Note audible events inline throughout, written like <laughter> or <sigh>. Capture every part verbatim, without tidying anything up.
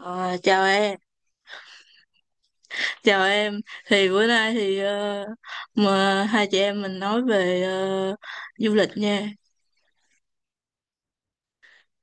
Ờ, Chào em, chào em. Thì bữa nay thì ờ, mà hai chị em mình nói về ờ, du lịch nha.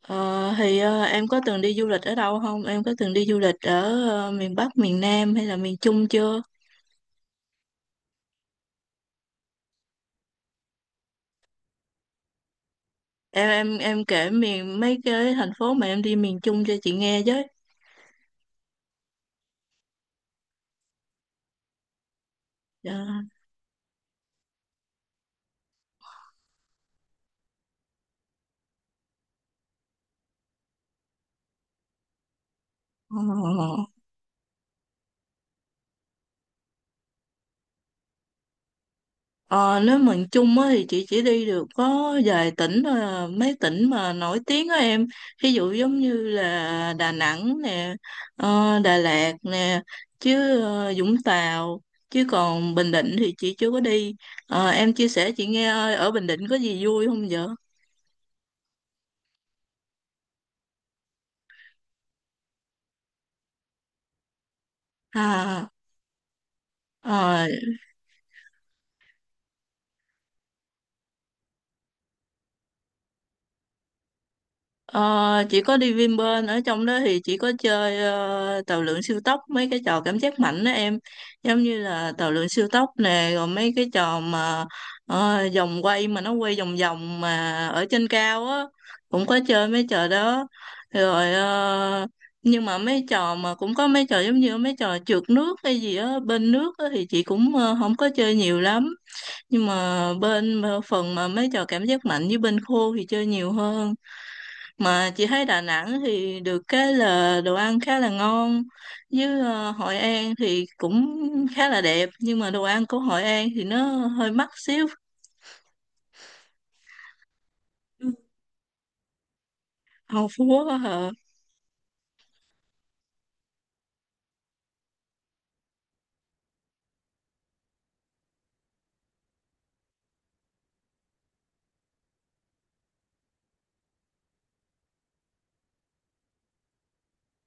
Ờ, thì ờ, em có từng đi du lịch ở đâu không? Em có từng đi du lịch ở ờ, miền Bắc, miền Nam hay là miền Trung chưa? Em em em kể miền mấy cái thành phố mà em đi miền Trung cho chị nghe với. Ờ, ờ. Ờ, nếu mình chung á thì chị chỉ đi được có vài tỉnh thôi à, mấy tỉnh mà nổi tiếng á em, ví dụ giống như là Đà Nẵng nè, ờ, Đà Lạt nè, chứ ờ, Vũng Tàu, chứ còn Bình Định thì chị chưa có đi. Ờ, em chia sẻ chị nghe ơi, ở Bình Định có gì vui không vậy? à, ờ, Ờ, chỉ có đi Vinpearl ở trong đó thì chỉ có chơi ờ, tàu lượn siêu tốc mấy cái trò cảm giác mạnh đó em, giống như là tàu lượn siêu tốc nè, rồi mấy cái trò mà ờ, vòng quay mà nó quay vòng vòng mà ở trên cao á, cũng có chơi mấy trò đó rồi. ờ, nhưng mà mấy trò mà cũng có mấy trò giống như mấy trò trượt nước hay gì á bên nước á thì chị cũng ờ, không có chơi nhiều lắm, nhưng mà bên ờ, phần mà mấy trò cảm giác mạnh với bên khô thì chơi nhiều hơn. Mà chị thấy Đà Nẵng thì được cái là đồ ăn khá là ngon, với ờ, Hội An thì cũng khá là đẹp, nhưng mà đồ ăn của Hội An thì nó hơi mắc xíu. Ừ. Hầu Phú Quốc á hả?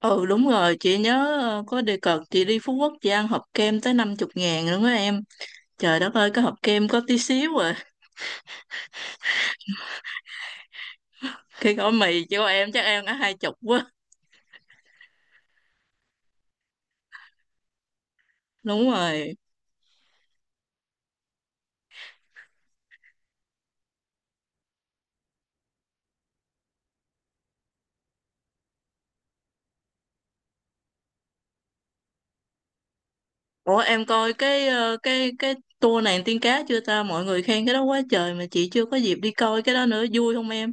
Ừ, đúng rồi, chị nhớ ờ, có đề cập chị đi Phú Quốc chị ăn hộp kem tới 50 ngàn luôn á em. Trời đất ơi cái hộp kem có tí xíu à. <laughs> Cái gói mì chứ em chắc em đã hai chục quá. Đúng rồi. Ủa em coi cái ờ, cái cái tour nàng tiên cá chưa ta? Mọi người khen cái đó quá trời mà chị chưa có dịp đi coi cái đó nữa, vui không em?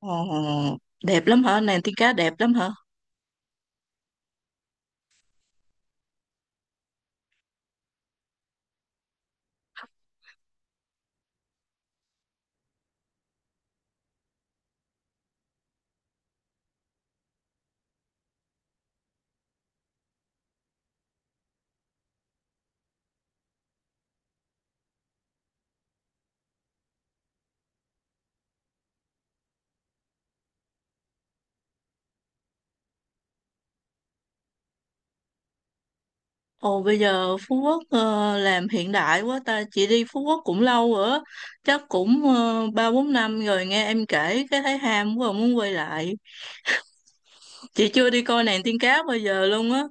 Ồ, đẹp lắm hả? Nàng tiên cá đẹp lắm hả? Ồ bây giờ Phú Quốc ờ, làm hiện đại quá ta, chị đi Phú Quốc cũng lâu rồi á, chắc cũng ờ, ba bốn năm rồi, nghe em kể cái thấy ham quá muốn quay lại. Chị chưa đi coi nàng tiên cá bao giờ luôn á.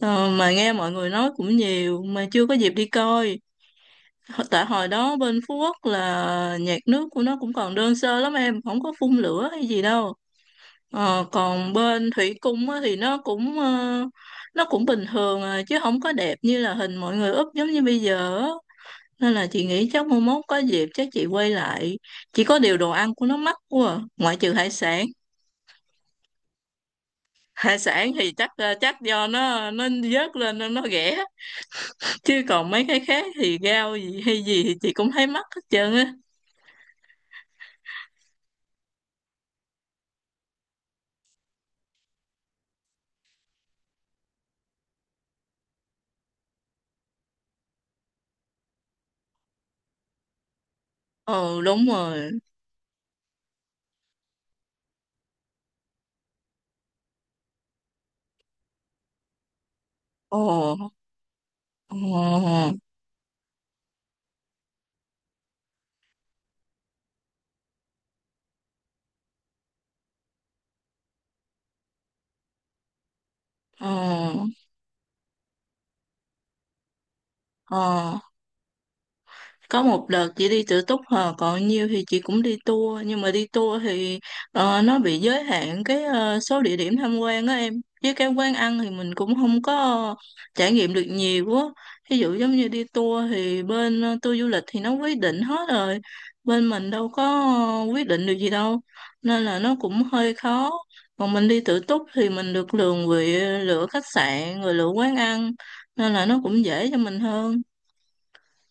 Ờ, mà nghe mọi người nói cũng nhiều mà chưa có dịp đi coi. Hồi- tại hồi đó bên Phú Quốc là nhạc nước của nó cũng còn đơn sơ lắm em, không có phun lửa hay gì đâu. Ờ, còn bên Thủy Cung á, thì nó cũng ờ, nó cũng bình thường à, chứ không có đẹp như là hình mọi người úp giống như bây giờ á. Nên là chị nghĩ chắc mai mốt có dịp chắc chị quay lại, chỉ có điều đồ ăn của nó mắc quá à, ngoại trừ hải sản. Hải sản thì chắc ờ, chắc do nó nó vớt lên nên nó rẻ, chứ còn mấy cái khác thì rau gì hay gì thì chị cũng thấy mắc hết trơn á. Ừ đúng rồi. Ồ, ồ, ồ, Ồ. Có một đợt chị đi tự túc hờ, còn nhiều thì chị cũng đi tour, nhưng mà đi tour thì ờ, nó bị giới hạn cái ờ, số địa điểm tham quan á em, với cái quán ăn thì mình cũng không có trải nghiệm được nhiều á. Ví dụ giống như đi tour thì bên ờ, tour du lịch thì nó quyết định hết rồi, bên mình đâu có ờ, quyết định được gì đâu, nên là nó cũng hơi khó. Còn mình đi tự túc thì mình được lường vị lựa khách sạn rồi lựa quán ăn, nên là nó cũng dễ cho mình hơn.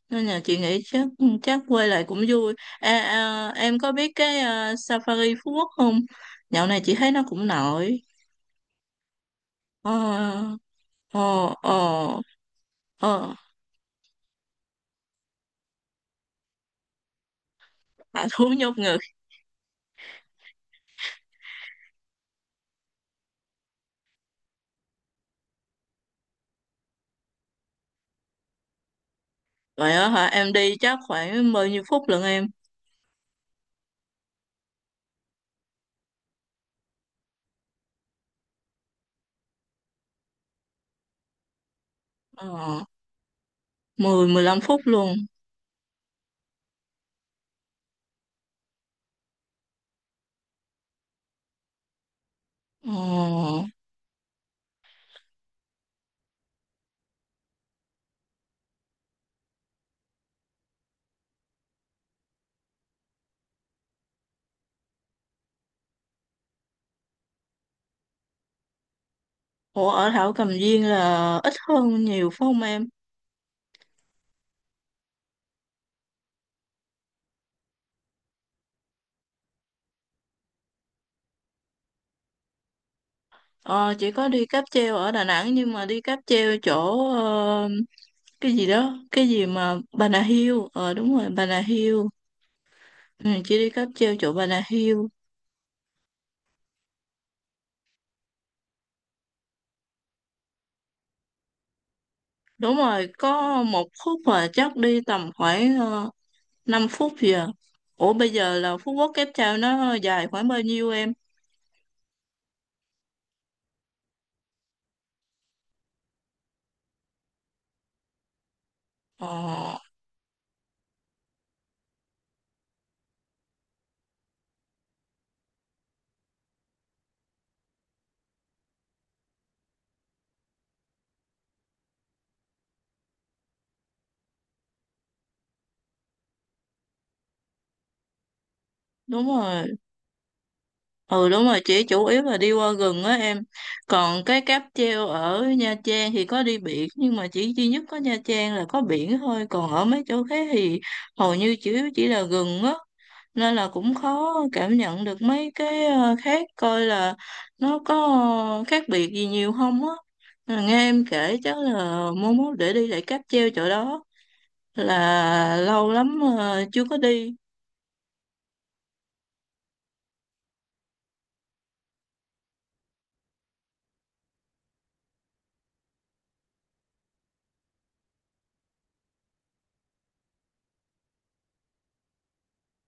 Nên là chị nghĩ chắc ừ, chắc quay lại cũng vui. À, à, em có biết cái à, Safari Phú Quốc không? Dạo này chị thấy nó cũng nổi. ờ ờ ờ ờ à, Thú nhốt ngực vậy đó hả? Em đi chắc khoảng bao nhiêu phút lận em? ờ Mười mười lăm phút luôn? ờ Ủa ở Thảo Cầm Viên là ít hơn nhiều phải không em? ờ chị có đi cáp treo ở Đà Nẵng, nhưng mà đi cáp treo chỗ ờ, cái gì đó, cái gì mà Bà Nà Hill, ờ đúng rồi Bà Nà Hill. Ừ, chị đi cáp treo chỗ Bà Nà Hill. Đúng rồi, có một khúc mà chắc đi tầm khoảng uh, 5 phút gì à. Ủa bây giờ là Phú Quốc Cáp Treo nó dài khoảng bao nhiêu em? Ờ đúng rồi. Ừ đúng rồi, chỉ chủ yếu là đi qua rừng á em. Còn cái cáp treo ở Nha Trang thì có đi biển. Nhưng mà chỉ duy nhất có Nha Trang là có biển thôi, còn ở mấy chỗ khác thì hầu như chỉ chỉ là rừng á. Nên là cũng khó cảm nhận được mấy cái ờ, khác. Coi là nó có ờ, khác biệt gì nhiều không á. Mà nghe em kể chắc là mốt mốt để đi lại cáp treo chỗ đó. Là lâu lắm ờ, chưa có đi.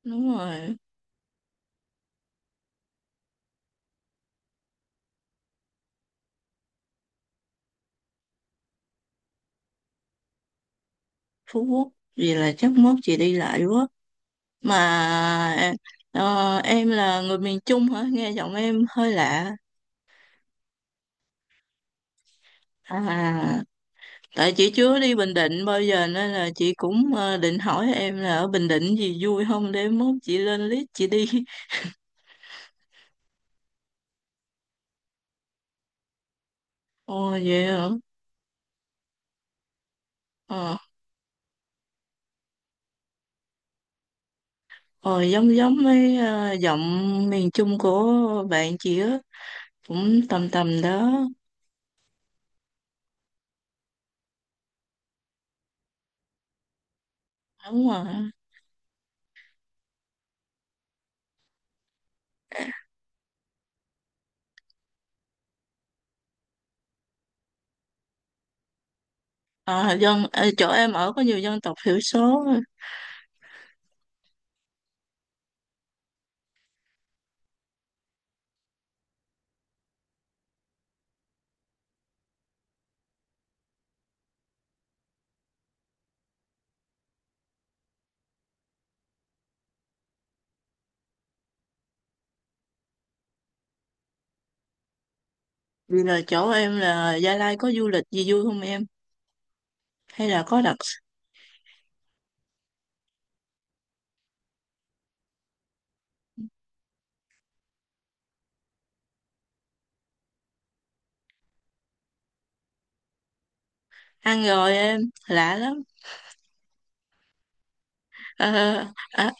Đúng rồi. Phú Quốc. Vì là chắc mốt chị đi lại quá. Mà ờ, em là người miền Trung hả? Nghe giọng em hơi lạ. À, tại chị chưa đi Bình Định bao giờ nên là chị cũng ờ, định hỏi em là ở Bình Định gì vui không để mốt chị lên list chị đi. <laughs> Ồ vậy hả? Ờ, ờ Giống giống với ờ, giọng miền Trung của bạn chị á, cũng tầm tầm đó. Đúng rồi. À, dân ờ, chỗ em ở có nhiều dân tộc thiểu số. Vì là chỗ em là Gia Lai có du lịch gì vui không em? Hay là có đặc ăn rồi em lạ lắm. Ờ, à,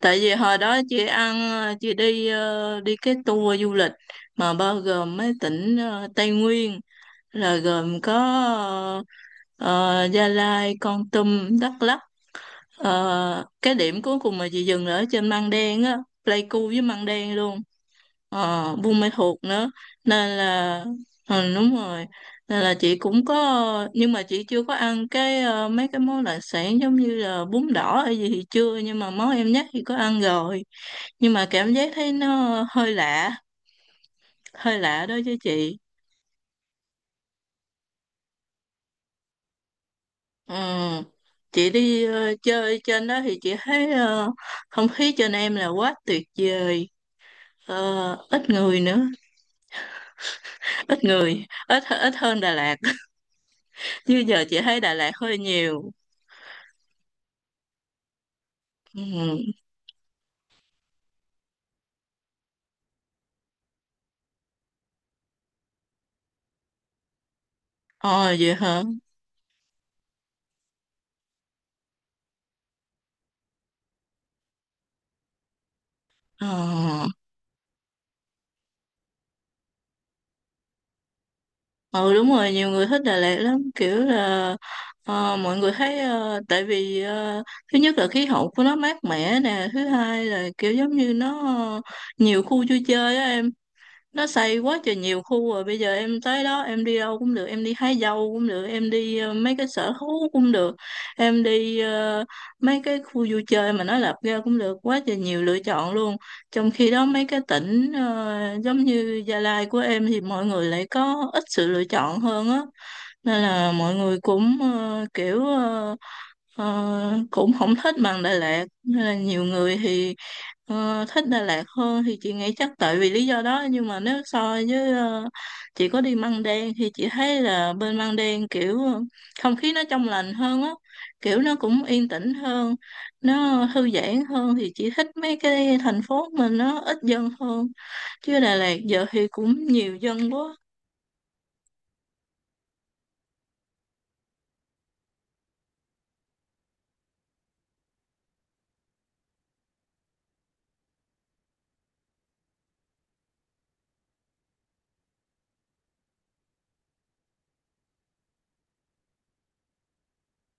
Tại vì hồi đó chị ăn ờ, chị đi ờ, đi cái tour du lịch mà bao gồm mấy tỉnh ờ, Tây Nguyên, là gồm có ờ, ờ, Gia Lai, Kon Tum, Đắk Lắk. Ờ, cái điểm cuối cùng mà chị dừng là ở trên Măng Đen á, Pleiku với Măng Đen luôn, ờ, Buôn Ma Thuột nữa. Nên là ừ, đúng rồi, nên là chị cũng có, nhưng mà chị chưa có ăn cái ờ, mấy cái món đặc sản giống như là bún đỏ hay gì thì chưa, nhưng mà món em nhắc thì có ăn rồi, nhưng mà cảm giác thấy nó hơi lạ, hơi lạ đó chứ chị. Ừ. Chị đi ờ, chơi trên đó thì chị thấy ờ, không khí trên em là quá tuyệt vời. Ờ, ít người nữa, ít người ít ít hơn Đà Lạt. <laughs> Như giờ chị thấy Đà Lạt hơi nhiều. Ừ. Ờ vậy hả? Ờ. Ừ đúng rồi, nhiều người thích Đà Lạt lắm, kiểu là ờ, mọi người thấy ờ, tại vì ờ, thứ nhất là khí hậu của nó mát mẻ nè, thứ hai là kiểu giống như nó ờ, nhiều khu vui chơi á em. Nó xây quá trời nhiều khu rồi, bây giờ em tới đó em đi đâu cũng được, em đi hái dâu cũng được, em đi ờ, mấy cái sở thú cũng được, em đi ờ, mấy cái khu vui chơi mà nó lập ra cũng được, quá trời nhiều lựa chọn luôn. Trong khi đó mấy cái tỉnh ờ, giống như Gia Lai của em thì mọi người lại có ít sự lựa chọn hơn á, nên là mọi người cũng ờ, kiểu ờ, Ờ, cũng không thích bằng Đà Lạt, nên là nhiều người thì ờ, thích Đà Lạt hơn thì chị nghĩ chắc tại vì lý do đó. Nhưng mà nếu so với ờ, chị có đi Măng Đen thì chị thấy là bên Măng Đen kiểu ờ, không khí nó trong lành hơn á, kiểu nó cũng yên tĩnh hơn, nó thư giãn hơn thì chị thích mấy cái thành phố mình nó ít dân hơn, chứ Đà Lạt giờ thì cũng nhiều dân quá.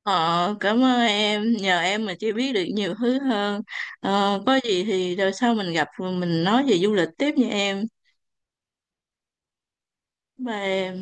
Ờ, cảm ơn em, nhờ em mà chị biết được nhiều thứ hơn. Ờ, có gì thì rồi sau mình gặp mình nói về du lịch tiếp nha em. Bye em.